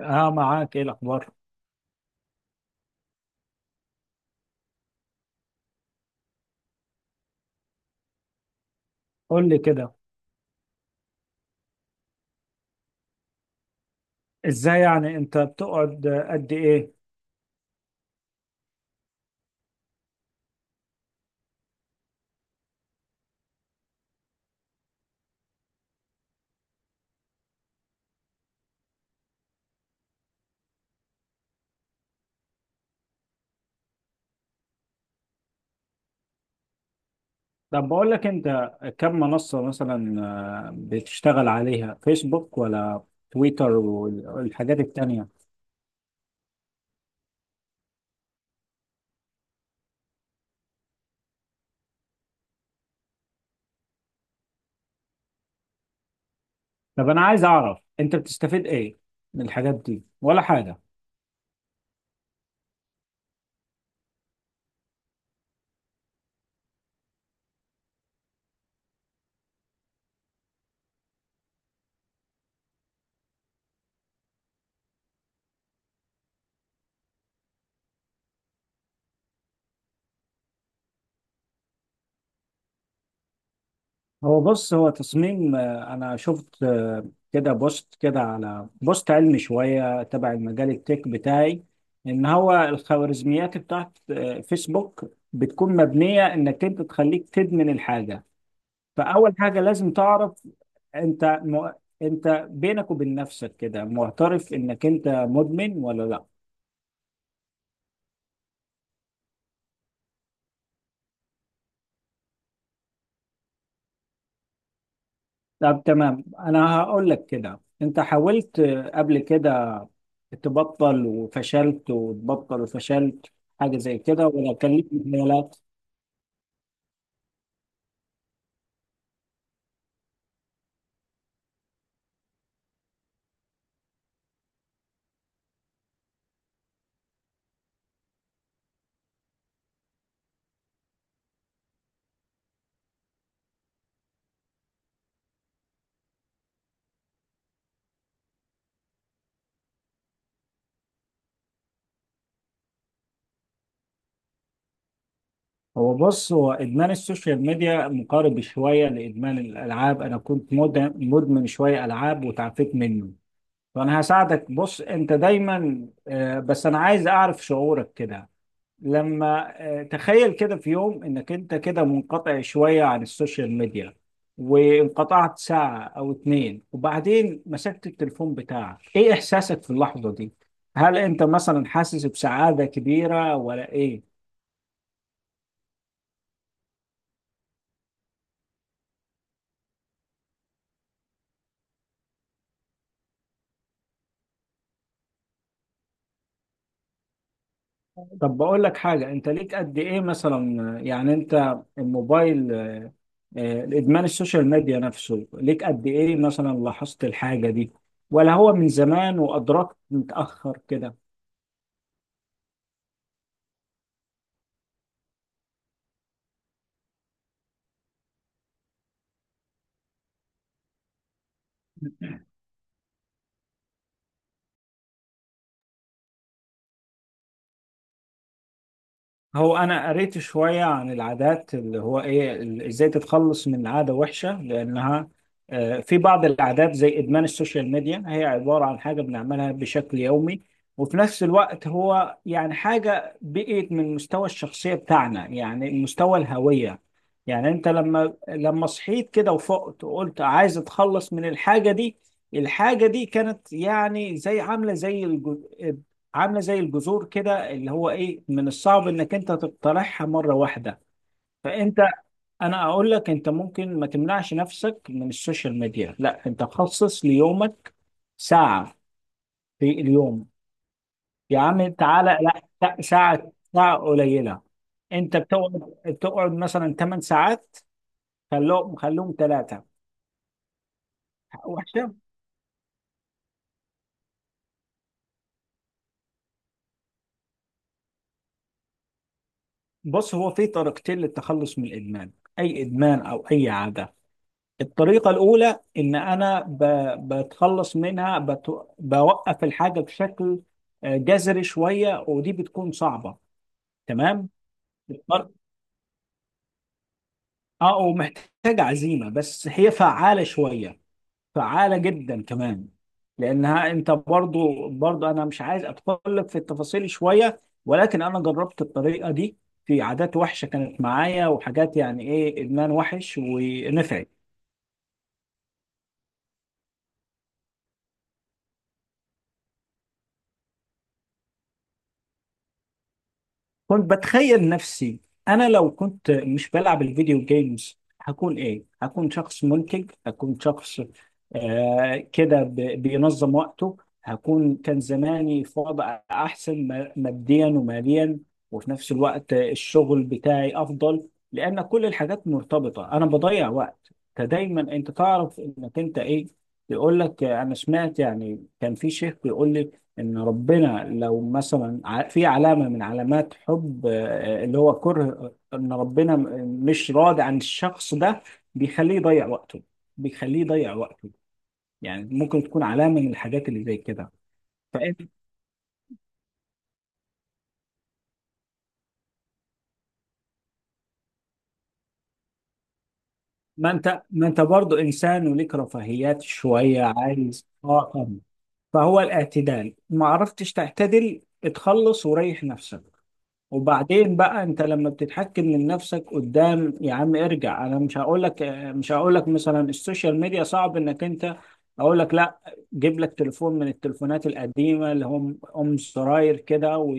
اه، معاك ايه الاخبار؟ قول لي كده. ازاي، يعني انت بتقعد قد ايه؟ طب بقول لك انت، كم منصة مثلا، بتشتغل عليها فيسبوك ولا تويتر والحاجات التانية؟ طب انا عايز اعرف، انت بتستفيد ايه من الحاجات دي ولا حاجة؟ بص هو تصميم، انا شفت كده بوست كده، على بوست علمي شويه تبع المجال التك بتاعي. ان هو الخوارزميات بتاعت فيسبوك بتكون مبنيه انك انت تخليك تدمن الحاجه. فاول حاجه لازم تعرف، انت م... انت بينك وبين نفسك كده معترف انك انت مدمن ولا لا؟ طب تمام، انا هقول لك كده. انت حاولت قبل كده تبطل وفشلت، وتبطل وفشلت، حاجة زي كده، ولا كان ليك مجالات؟ بص هو إدمان السوشيال ميديا مقارب شوية لإدمان الألعاب. أنا كنت مدمن شوية ألعاب وتعافيت منه. فأنا هساعدك. بص، أنت دايما، بس أنا عايز أعرف شعورك كده، لما تخيل كده في يوم انك انت كده منقطع شوية عن السوشيال ميديا، وانقطعت ساعة او 2، وبعدين مسكت التليفون بتاعك، ايه احساسك في اللحظة دي؟ هل انت مثلا حاسس بسعادة كبيرة ولا ايه؟ طب بقول لك حاجة، انت ليك قد ايه مثلا، يعني انت الموبايل، الادمان السوشيال ميديا نفسه ليك قد ايه، مثلا لاحظت الحاجة دي؟ ولا هو من زمان وادركت متأخر كده؟ هو انا قريت شويه عن العادات، اللي هو ايه، ازاي تتخلص من عاده وحشه، لانها في بعض العادات زي ادمان السوشيال ميديا، هي عباره عن حاجه بنعملها بشكل يومي. وفي نفس الوقت هو يعني حاجه بقيت من مستوى الشخصيه بتاعنا، يعني مستوى الهويه. يعني انت لما صحيت كده وفقت وقلت عايز اتخلص من الحاجه دي، الحاجه دي كانت يعني زي، عامله زي الجذور كده، اللي هو ايه من الصعب انك انت تقترحها مره واحده. فانت انا اقول لك، انت ممكن ما تمنعش نفسك من السوشيال ميديا، لا انت خصص ليومك ساعه في اليوم. يا عم تعالى، لا لا، ساعه، ساعه قليله. انت بتقعد مثلا 8 ساعات، خلوهم 3. وحشه. بص، هو في طريقتين للتخلص من الادمان، اي ادمان او اي عاده. الطريقة الأولى إن أنا بتخلص منها، بوقف الحاجة بشكل جذري شوية، ودي بتكون صعبة. تمام؟ الطر- اه، ومحتاجة عزيمة، بس هي فعالة شوية، فعالة جدا كمان. لأنها أنت، برضو أنا مش عايز أتطرق في التفاصيل شوية، ولكن أنا جربت الطريقة دي في عادات وحشة كانت معايا، وحاجات يعني إيه، إدمان وحش، ونفعت. كنت بتخيل نفسي، انا لو كنت مش بلعب الفيديو جيمز هكون ايه. هكون شخص منتج، هكون شخص كده بينظم وقته. هكون كان زماني في وضع احسن، ماديا وماليا. وفي نفس الوقت الشغل بتاعي افضل، لان كل الحاجات مرتبطة. انا بضيع وقت، فدايما انت تعرف انك انت ايه. بيقول لك، انا سمعت يعني كان في شيخ بيقول لي، ان ربنا لو مثلا في علامه من علامات حب، اللي هو كره ان ربنا مش راضي عن الشخص ده، بيخليه يضيع وقته. بيخليه يضيع وقته. يعني ممكن تكون علامه من الحاجات اللي زي كده. فانت، ما انت برضه انسان وليك رفاهيات شويه، عايز، اه طبعا. فهو الاعتدال، ما عرفتش تعتدل، اتخلص وريح نفسك. وبعدين بقى انت لما بتتحكم من نفسك، قدام يا عم ارجع. انا مش هقول لك، مثلا السوشيال ميديا صعب انك انت. اقول لك لا، جيب لك تليفون من التليفونات القديمه اللي هم ام زراير كده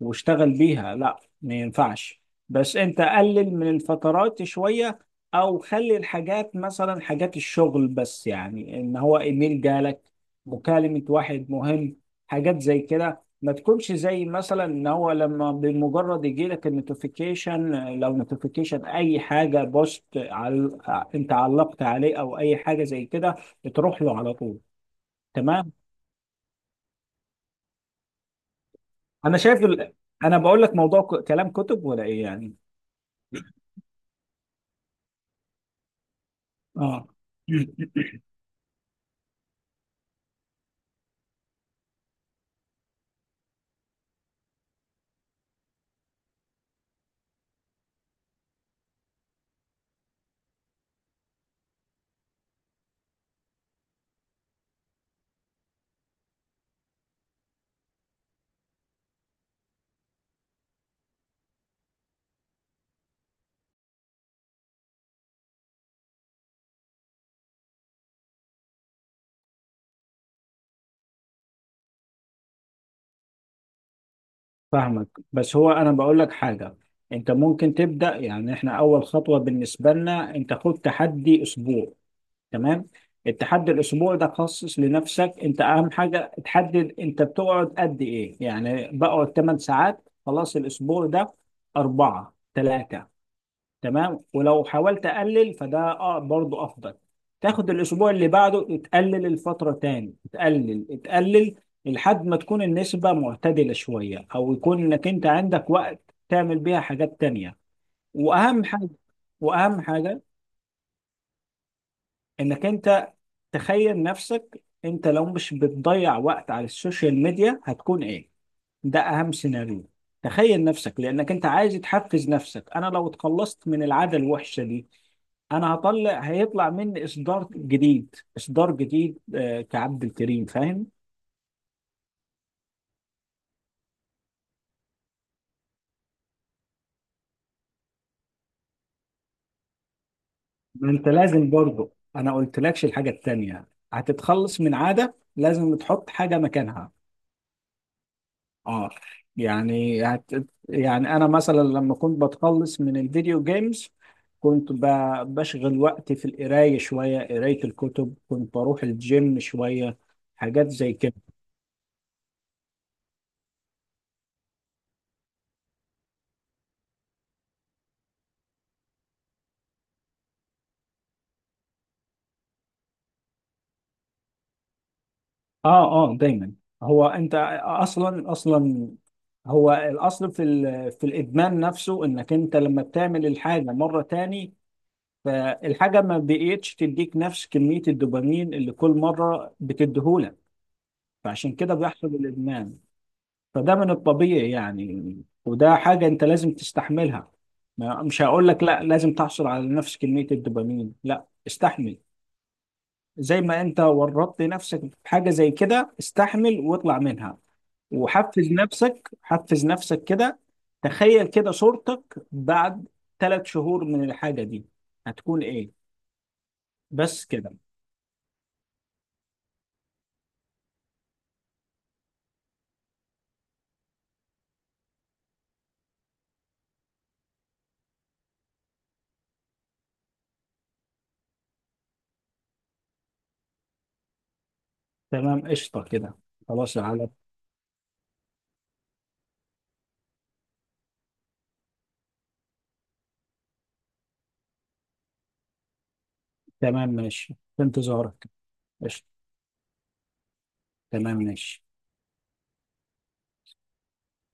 واشتغل بيها. لا ما ينفعش. بس انت قلل من الفترات شويه، او خلي الحاجات مثلا حاجات الشغل بس، يعني ان هو ايميل جالك، مكالمه واحد مهم، حاجات زي كده. ما تكونش زي مثلا ان هو لما بمجرد يجي لك النوتيفيكيشن، لو نوتيفيكيشن اي حاجه، بوست انت علقت عليه او اي حاجه زي كده، بتروح له على طول. تمام، انا شايف انا بقول لك موضوع كلام كتب ولا ايه يعني؟ اه، فاهمك. بس هو انا بقول لك حاجه، انت ممكن تبدا، يعني احنا اول خطوه بالنسبه لنا، انت خد تحدي اسبوع. تمام؟ التحدي الاسبوعي ده خصص لنفسك. انت اهم حاجه تحدد انت بتقعد قد ايه، يعني بقعد 8 ساعات، خلاص الاسبوع ده 4، 3. تمام. ولو حاولت اقلل فده اه برضه افضل. تاخد الاسبوع اللي بعده تقلل الفتره تاني، تقلل، تقلل، لحد ما تكون النسبه معتدله شويه، او يكون انك انت عندك وقت تعمل بيها حاجات تانيه. واهم حاجه، واهم حاجه انك انت تخيل نفسك، انت لو مش بتضيع وقت على السوشيال ميديا هتكون ايه. ده اهم سيناريو. تخيل نفسك، لانك انت عايز تحفز نفسك. انا لو اتخلصت من العادة الوحشة دي، انا هطلع، هيطلع مني اصدار جديد، اصدار جديد كعبد الكريم فاهم. ما انت لازم برضه، انا قلت لكش الحاجة التانية، هتتخلص من عادة لازم تحط حاجة مكانها. اه. يعني يعني انا مثلا لما كنت بتخلص من الفيديو جيمز، كنت بشغل وقتي في القرايه شويه، قرايه الكتب، كنت بروح الجيم شويه، حاجات زي كده. اه اه، دايما. هو انت، اصلا، هو الاصل في في الادمان نفسه، انك انت لما بتعمل الحاجه مره تاني، فالحاجه ما بقيتش تديك نفس كميه الدوبامين اللي كل مره بتديهولك، فعشان كده بيحصل الادمان. فده من الطبيعي يعني، وده حاجة انت لازم تستحملها. مش هقول لك لا لازم تحصل على نفس كمية الدوبامين، لا استحمل. زي ما انت ورطت نفسك في حاجة زي كده، استحمل واطلع منها. وحفز نفسك، حفز نفسك كده. تخيل كده صورتك بعد 3 شهور من الحاجة دي، هتكون ايه. بس كده. تمام، قشطة كده. خلاص، على تمام، ماشي. في انتظارك. قشطة، تمام ماشي.